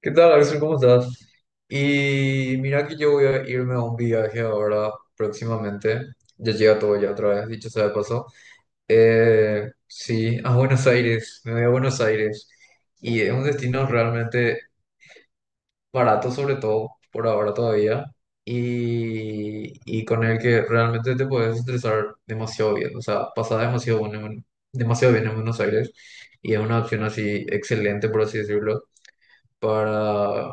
¿Qué tal, Axel? ¿Cómo estás? Y mira que yo voy a irme a un viaje ahora próximamente. Ya llega todo ya otra vez, dicho sea de paso. Sí, a Buenos Aires. Me voy a Buenos Aires. Y es un destino realmente barato, sobre todo por ahora todavía. Y con el que realmente te puedes estresar demasiado bien. O sea, pasar demasiado demasiado bien en Buenos Aires. Y es una opción así excelente, por así decirlo, para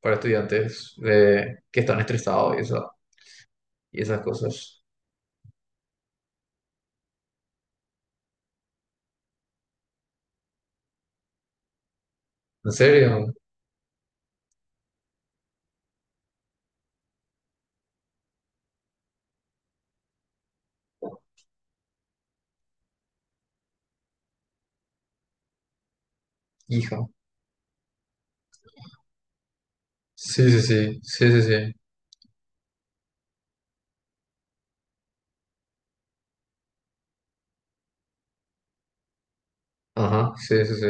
para estudiantes que están estresados y y esas cosas. ¿En serio? Hija. Sí, sí, sí, sí, sí, sí. Ajá, sí, sí, sí.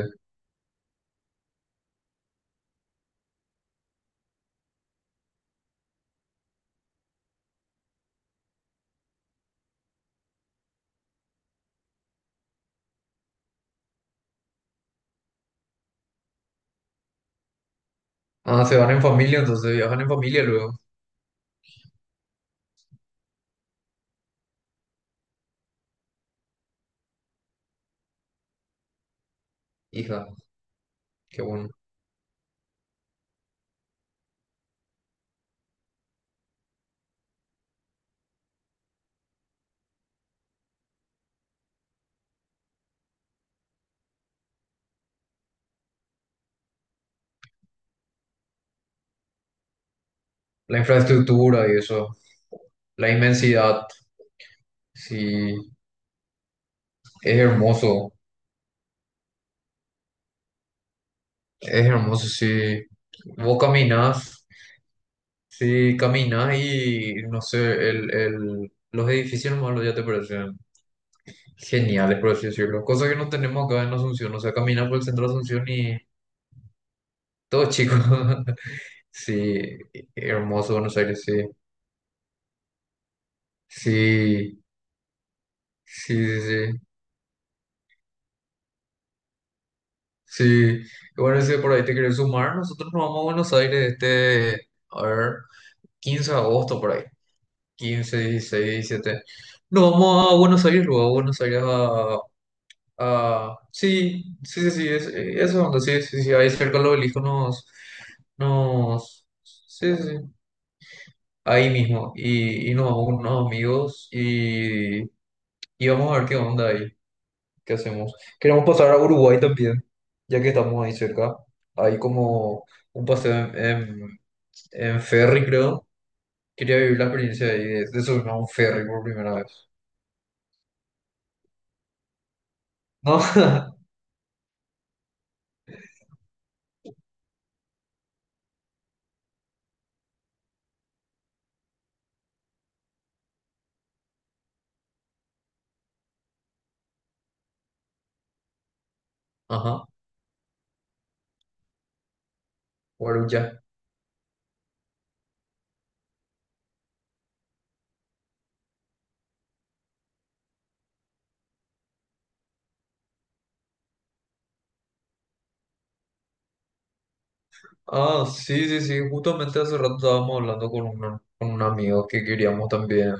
Ah, se van en familia, entonces viajan en familia luego. Hija, qué bueno. La infraestructura y eso, la inmensidad, sí, es hermoso, es hermoso, sí. Vos caminás, sí, caminás y no sé, los edificios malos ya te parecen genial, por así decirlo. Cosa que no tenemos acá en Asunción. O sea, caminas por el centro de Asunción y todo chico. Sí, hermoso Buenos Aires, sí. Sí, sí, sí, sí. Sí. Bueno, si por ahí te quieres sumar, nosotros nos vamos a Buenos Aires este, a ver, 15 de agosto por ahí. Quince, 16, 17. Nos vamos a Buenos Aires, luego a Buenos Aires a... sí, sí, sí, sí, es, eso es donde sí, sí, sí, ahí cerca del obelisco nos... Nos... Sí, sí, sí, ahí mismo y nos vamos con unos amigos y vamos a ver qué onda ahí, qué hacemos. Queremos pasar a Uruguay también, ya que estamos ahí cerca. Hay como un paseo en ferry, creo. Quería vivir la experiencia ahí de subirme a un ferry por primera vez. ¿No? Ajá. Guarulla. Ah, sí, sí, sí, justamente hace rato estábamos hablando con un amigo que queríamos también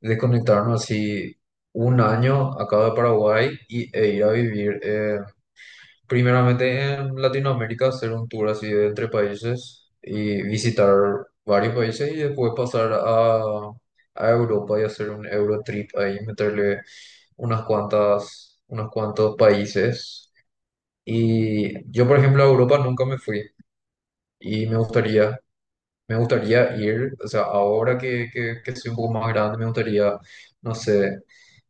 desconectarnos así un año acá de Paraguay y, e ir a vivir primeramente en Latinoamérica, hacer un tour así de entre países y visitar varios países y después pasar a Europa y hacer un Eurotrip ahí, meterle unas cuantas, unos cuantos países. Y yo, por ejemplo, a Europa nunca me fui y me gustaría. Me gustaría ir, o sea, ahora que soy un poco más grande, me gustaría, no sé,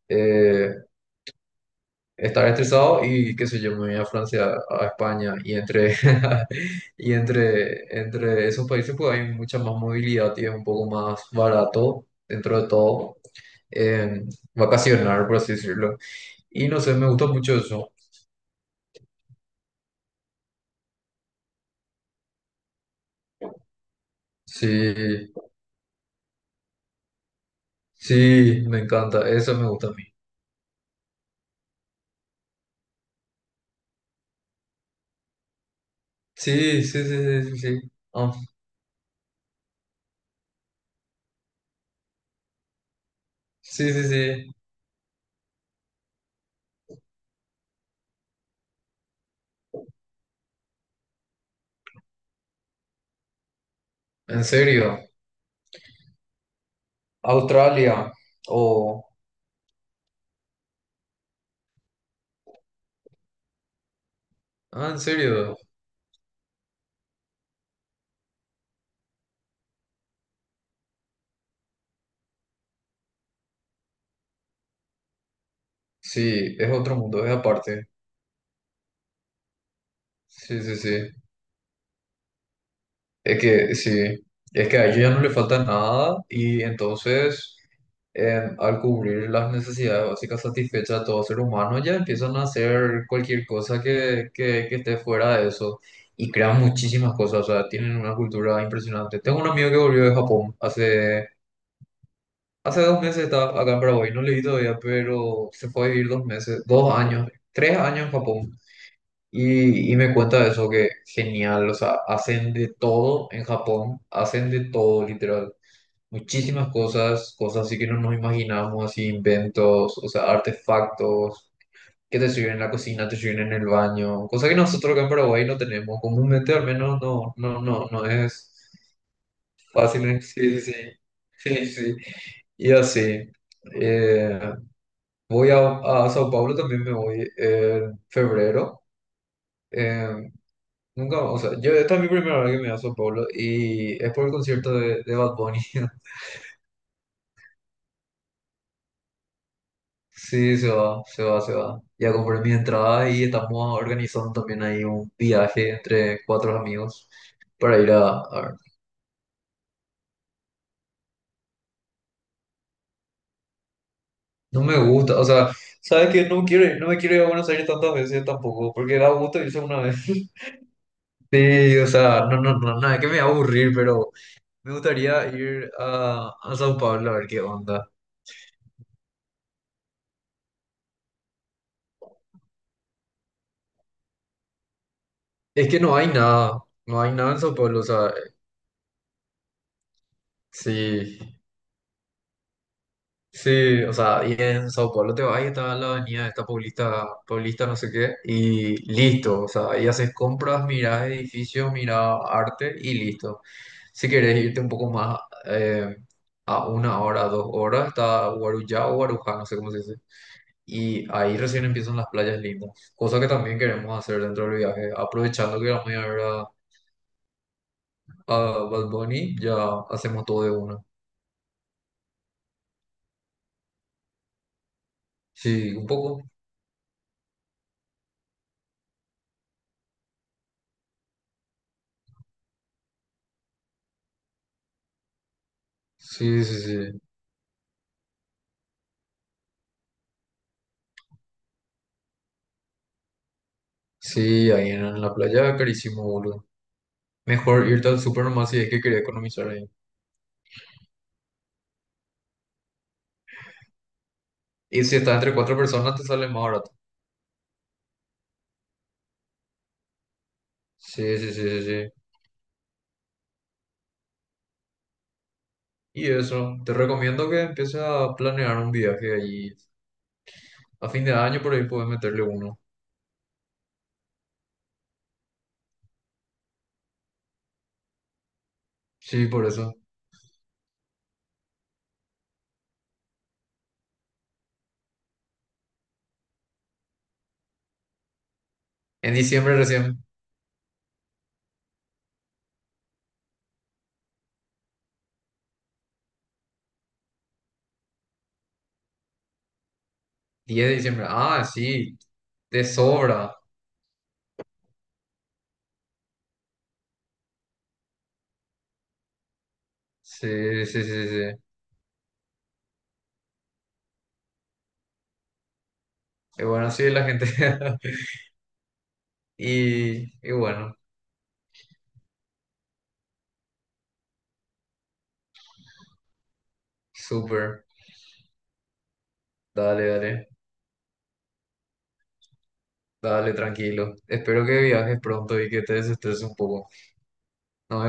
eh, estar estresado y qué sé yo, me voy a Francia, a España y entre, entre esos países pues hay mucha más movilidad y es un poco más barato dentro de todo, eh, vacacionar, por así decirlo. Y no sé, me gusta mucho eso. Sí, sí, me encanta, eso me gusta a mí. Sí, sí, sí, sí, sí, sí. Ah, sí, sí, sí. ¿En serio? Australia o... Ah, en serio. Sí, es otro mundo, es aparte. Sí, sí, sí. Es que, sí. Es que a ellos ya no le falta nada y entonces al cubrir las necesidades básicas satisfechas de todo ser humano ya empiezan a hacer cualquier cosa que esté fuera de eso y crean muchísimas cosas. O sea, tienen una cultura impresionante. Tengo un amigo que volvió de Japón hace... Hace dos meses estaba acá en Paraguay, no leí todavía, pero se fue a vivir dos meses, dos años, tres años en Japón. Y me cuenta de eso, que genial, o sea, hacen de todo en Japón, hacen de todo, literal. Muchísimas cosas, cosas así que no nos imaginamos, así inventos, o sea, artefactos que te sirven en la cocina, te sirven en el baño, cosa que nosotros acá en Paraguay no tenemos, comúnmente al menos no, no, no, no es fácil, ¿eh? Sí, sí, sí, sí, sí, y así. Eh, Voy a Sao Paulo, también me voy en febrero. Eh, nunca, o sea, yo, esta es mi primera vez que me voy a Sao Paulo y es por el concierto de Bad Bunny. Sí, se va, se va, se va. Ya compré mi entrada y estamos organizando también ahí un viaje entre cuatro amigos para ir a ver. No me gusta, o sea, ¿sabes qué? No quiero, no me quiero ir a Buenos Aires tantas veces tampoco, porque da gusto irse una vez. Sí, o sea, no, no, no, nada, que me va a aburrir, pero me gustaría ir a Sao Paulo a ver qué onda. Es que no hay nada, no hay nada en Sao Paulo, o sea, sí, sí, o sea, y en Sao Paulo te vas y está la avenida esta Paulista, Paulista no sé qué, y listo, o sea, ahí haces compras, mirás edificios, mirás arte y listo. Si quieres irte un poco más eh, a una hora, dos horas, está Guarujá o Guarujá, no sé cómo se dice. Y ahí recién empiezan las playas lindas, cosa que también queremos hacer dentro del viaje. Aprovechando que vamos a ir a ver a Bad Bunny, ya hacemos todo de una. Sí, un poco. Sí, sí, sí. Sí, ahí en la playa, carísimo, boludo. Mejor irte al súper nomás si es que quería economizar ahí. Y si estás entre cuatro personas, te sale más barato. Sí, sí, sí, sí, sí. Y eso, te recomiendo que empieces a planear un viaje ahí. A fin de año por ahí puedes meterle uno. Sí, por eso. En diciembre recién. 10 de diciembre. Ah, sí, te sobra. Sí, sí, sí, sí. Y bueno, sí, la gente. Y, y bueno, súper. Dale, dale. Dale, tranquilo. Espero que viajes pronto y que te desestreses un poco. Nos